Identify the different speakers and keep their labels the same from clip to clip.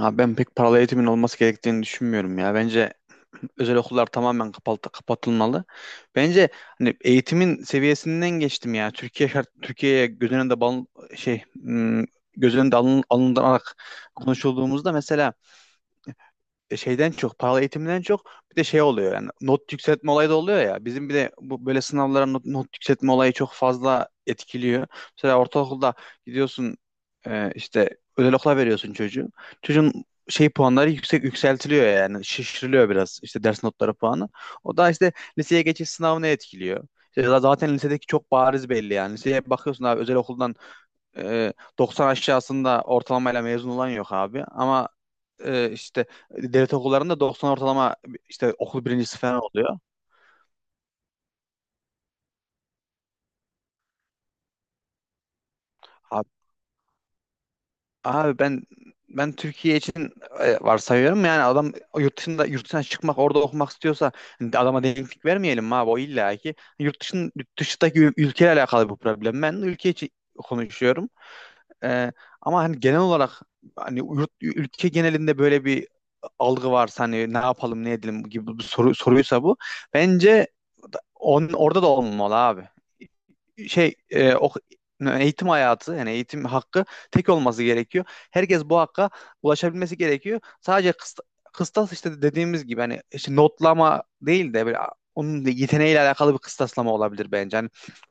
Speaker 1: Abi ben pek paralı eğitimin olması gerektiğini düşünmüyorum ya. Bence özel okullar tamamen kapatılmalı. Bence hani eğitimin seviyesinden geçtim ya. Türkiye'ye göz önünde şey hmm, göz önünde alınarak konuşulduğumuzda mesela paralı eğitimden çok bir de şey oluyor yani not yükseltme olayı da oluyor ya. Bizim bir de bu böyle sınavlara not yükseltme olayı çok fazla etkiliyor. Mesela ortaokulda gidiyorsun işte özel okula veriyorsun çocuğu. Çocuğun şey puanları yükseltiliyor yani şişiriliyor biraz işte ders notları puanı. O da işte liseye geçiş sınavını etkiliyor. İşte zaten lisedeki çok bariz belli yani. Liseye bakıyorsun abi özel okuldan e, 90 aşağısında ortalamayla mezun olan yok abi. Ama işte devlet okullarında 90 ortalama işte okul birincisi falan oluyor. Abi, abi, ben Türkiye için varsayıyorum yani adam yurt dışına çıkmak orada okumak istiyorsa hani adama denklik vermeyelim mi abi o illa ki yurt dışındaki ülkeyle alakalı bu problem. Ben ülke için konuşuyorum. E, Ama hani genel olarak hani ülke genelinde böyle bir algı varsa hani ne yapalım ne edelim gibi bir soruysa bu bence orada da olmamalı abi. şey e, ok- Eğitim hayatı yani eğitim hakkı tek olması gerekiyor. Herkes bu hakka ulaşabilmesi gerekiyor. Sadece kıstas işte dediğimiz gibi hani işte notlama değil de böyle onun da yeteneğiyle alakalı bir kıstaslama olabilir bence. Hani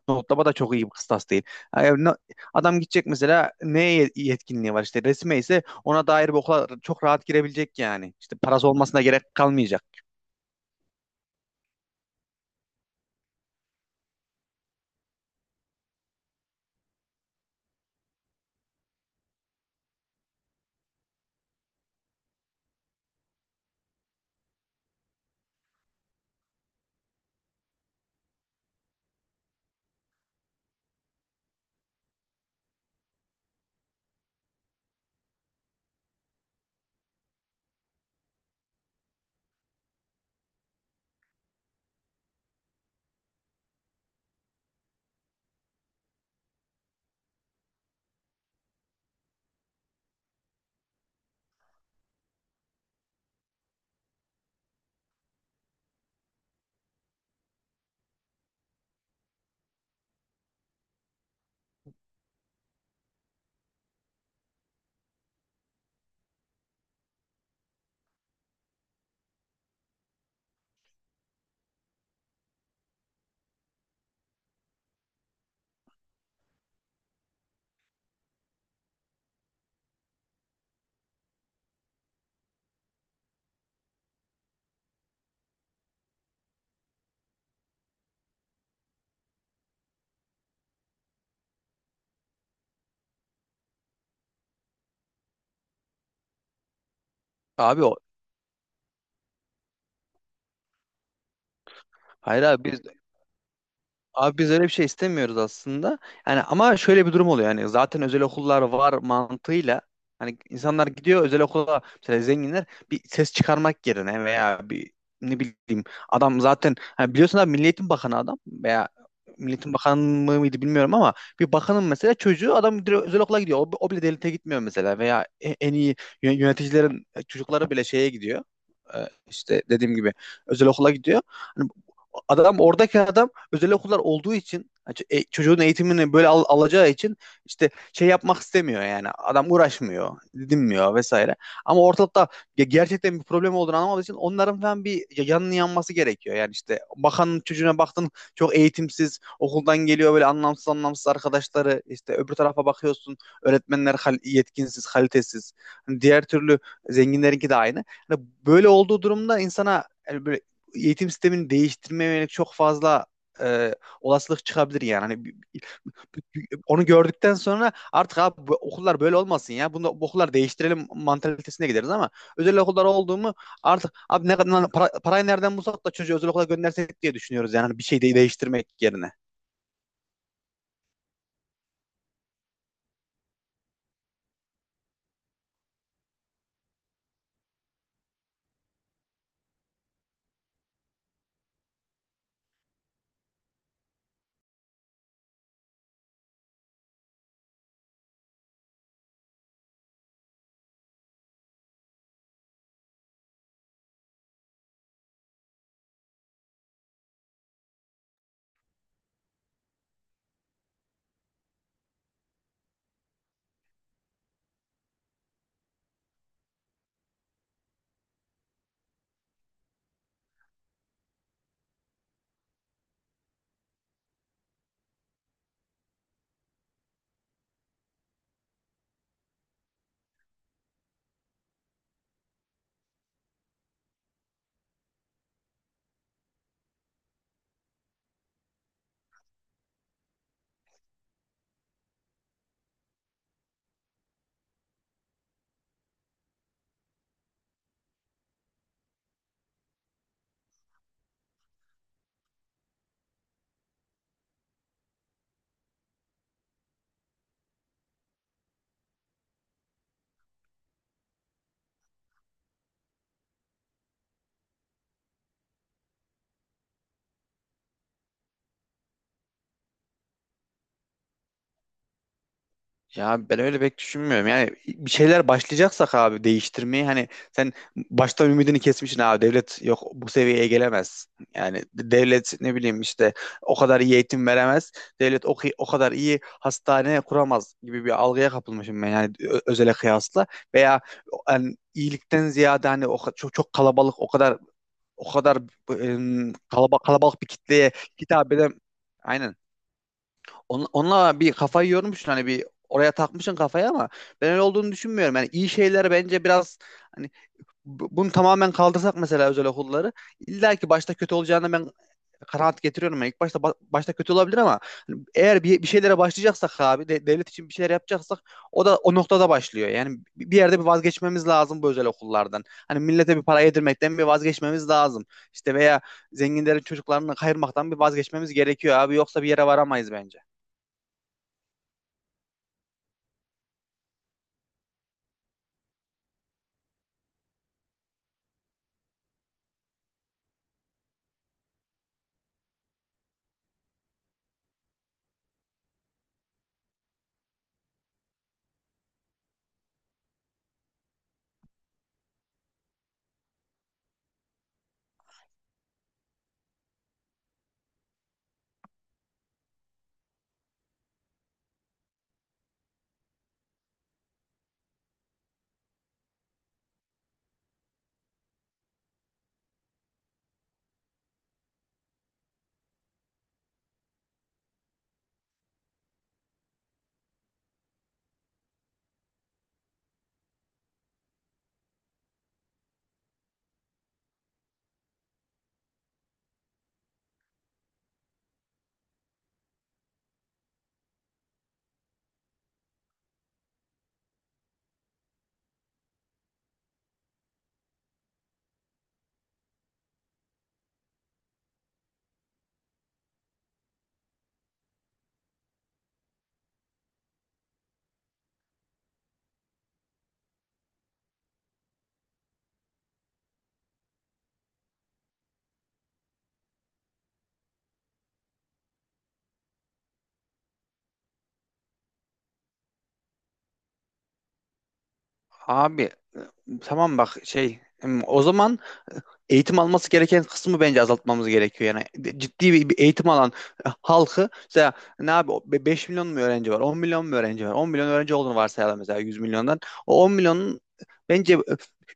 Speaker 1: notlama da çok iyi bir kıstas değil. Yani adam gidecek mesela neye yetkinliği var işte resme ise ona dair bir okula çok rahat girebilecek yani. İşte parası olmasına gerek kalmayacak. Abi o Hayır abi biz Abi biz öyle bir şey istemiyoruz aslında. Yani ama şöyle bir durum oluyor. Yani zaten özel okullar var mantığıyla hani insanlar gidiyor özel okula mesela zenginler bir ses çıkarmak yerine veya bir ne bileyim adam zaten hani biliyorsun abi Milli Eğitim Bakanı adam veya Milli Eğitim Bakanı mıydı bilmiyorum ama bir bakanın mesela çocuğu adam direkt özel okula gidiyor. O bile devlete gitmiyor mesela veya en iyi yöneticilerin çocukları bile şeye gidiyor. İşte dediğim gibi özel okula gidiyor. Hani oradaki adam özel okullar olduğu için çocuğun eğitimini böyle alacağı için işte şey yapmak istemiyor yani. Adam uğraşmıyor, dinmiyor vesaire. Ama ortalıkta gerçekten bir problem olduğunu anlamadığı için onların falan bir yanının yanması gerekiyor. Yani işte bakanın çocuğuna baktın çok eğitimsiz, okuldan geliyor böyle anlamsız anlamsız arkadaşları. İşte öbür tarafa bakıyorsun öğretmenler yetkinsiz, kalitesiz. Hani diğer türlü zenginlerinki de aynı. Hani böyle olduğu durumda insana yani böyle eğitim sistemini değiştirmeye yönelik çok fazla e, olasılık çıkabilir yani. Hani onu gördükten sonra artık abi bu okullar böyle olmasın ya. Bunu bu okullar değiştirelim mantalitesine gideriz ama özel okullar oldu mu artık abi ne kadar parayı nereden bulsak da çocuğu özel okula göndersek diye düşünüyoruz yani. Hani bir şey de değiştirmek yerine. Ya ben öyle pek düşünmüyorum. Yani bir şeyler başlayacaksak abi değiştirmeyi hani sen baştan ümidini kesmişsin abi devlet yok bu seviyeye gelemez. Yani devlet ne bileyim işte o kadar iyi eğitim veremez. Devlet o kadar iyi hastane kuramaz gibi bir algıya kapılmışım ben yani özele kıyasla. Veya hani iyilikten ziyade hani çok, çok kalabalık o kadar kalabalık kalabalık bir kitleye hitap eden aynen, onunla bir kafayı yormuşsun hani bir oraya takmışsın kafayı ama ben öyle olduğunu düşünmüyorum. Yani iyi şeyler bence biraz hani bunu tamamen kaldırsak mesela özel okulları illa ki başta kötü olacağını ben kanaat getiriyorum. Yani ilk başta başta kötü olabilir ama hani eğer bir şeylere başlayacaksak abi devlet için bir şeyler yapacaksak o da o noktada başlıyor. Yani bir yerde bir vazgeçmemiz lazım bu özel okullardan. Hani millete bir para yedirmekten bir vazgeçmemiz lazım. İşte veya zenginlerin çocuklarını kayırmaktan bir vazgeçmemiz gerekiyor abi yoksa bir yere varamayız bence. Abi e, tamam bak şey o zaman eğitim alması gereken kısmı bence azaltmamız gerekiyor. Yani ciddi bir eğitim alan halkı mesela ne abi o 5 milyon mu öğrenci var, 10 milyon mu öğrenci var, 10 milyon öğrenci olduğunu varsayalım mesela 100 milyondan. O 10 milyonun bence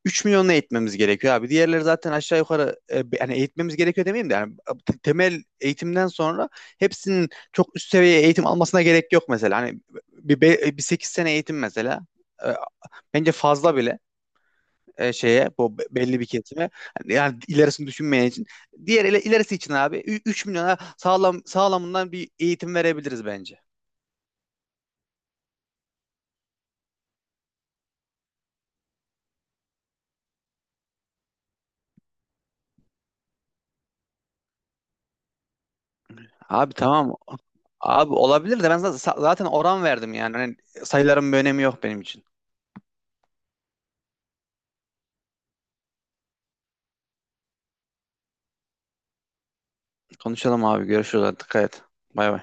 Speaker 1: 3 milyonunu eğitmemiz gerekiyor abi. Diğerleri zaten aşağı yukarı yani eğitmemiz gerekiyor demeyeyim de yani temel eğitimden sonra hepsinin çok üst seviye eğitim almasına gerek yok mesela. Hani bir 8 sene eğitim mesela e, bence fazla bile şeye bu belli bir kesime. Hani yani ilerisini düşünmeyen için diğer ilerisi için abi 3 milyona sağlam sağlamından bir eğitim verebiliriz bence. Abi tamam. Abi olabilir de ben zaten oran verdim yani. Hani sayıların bir önemi yok benim için. Konuşalım abi. Görüşürüz. Dikkat et. Bay bay.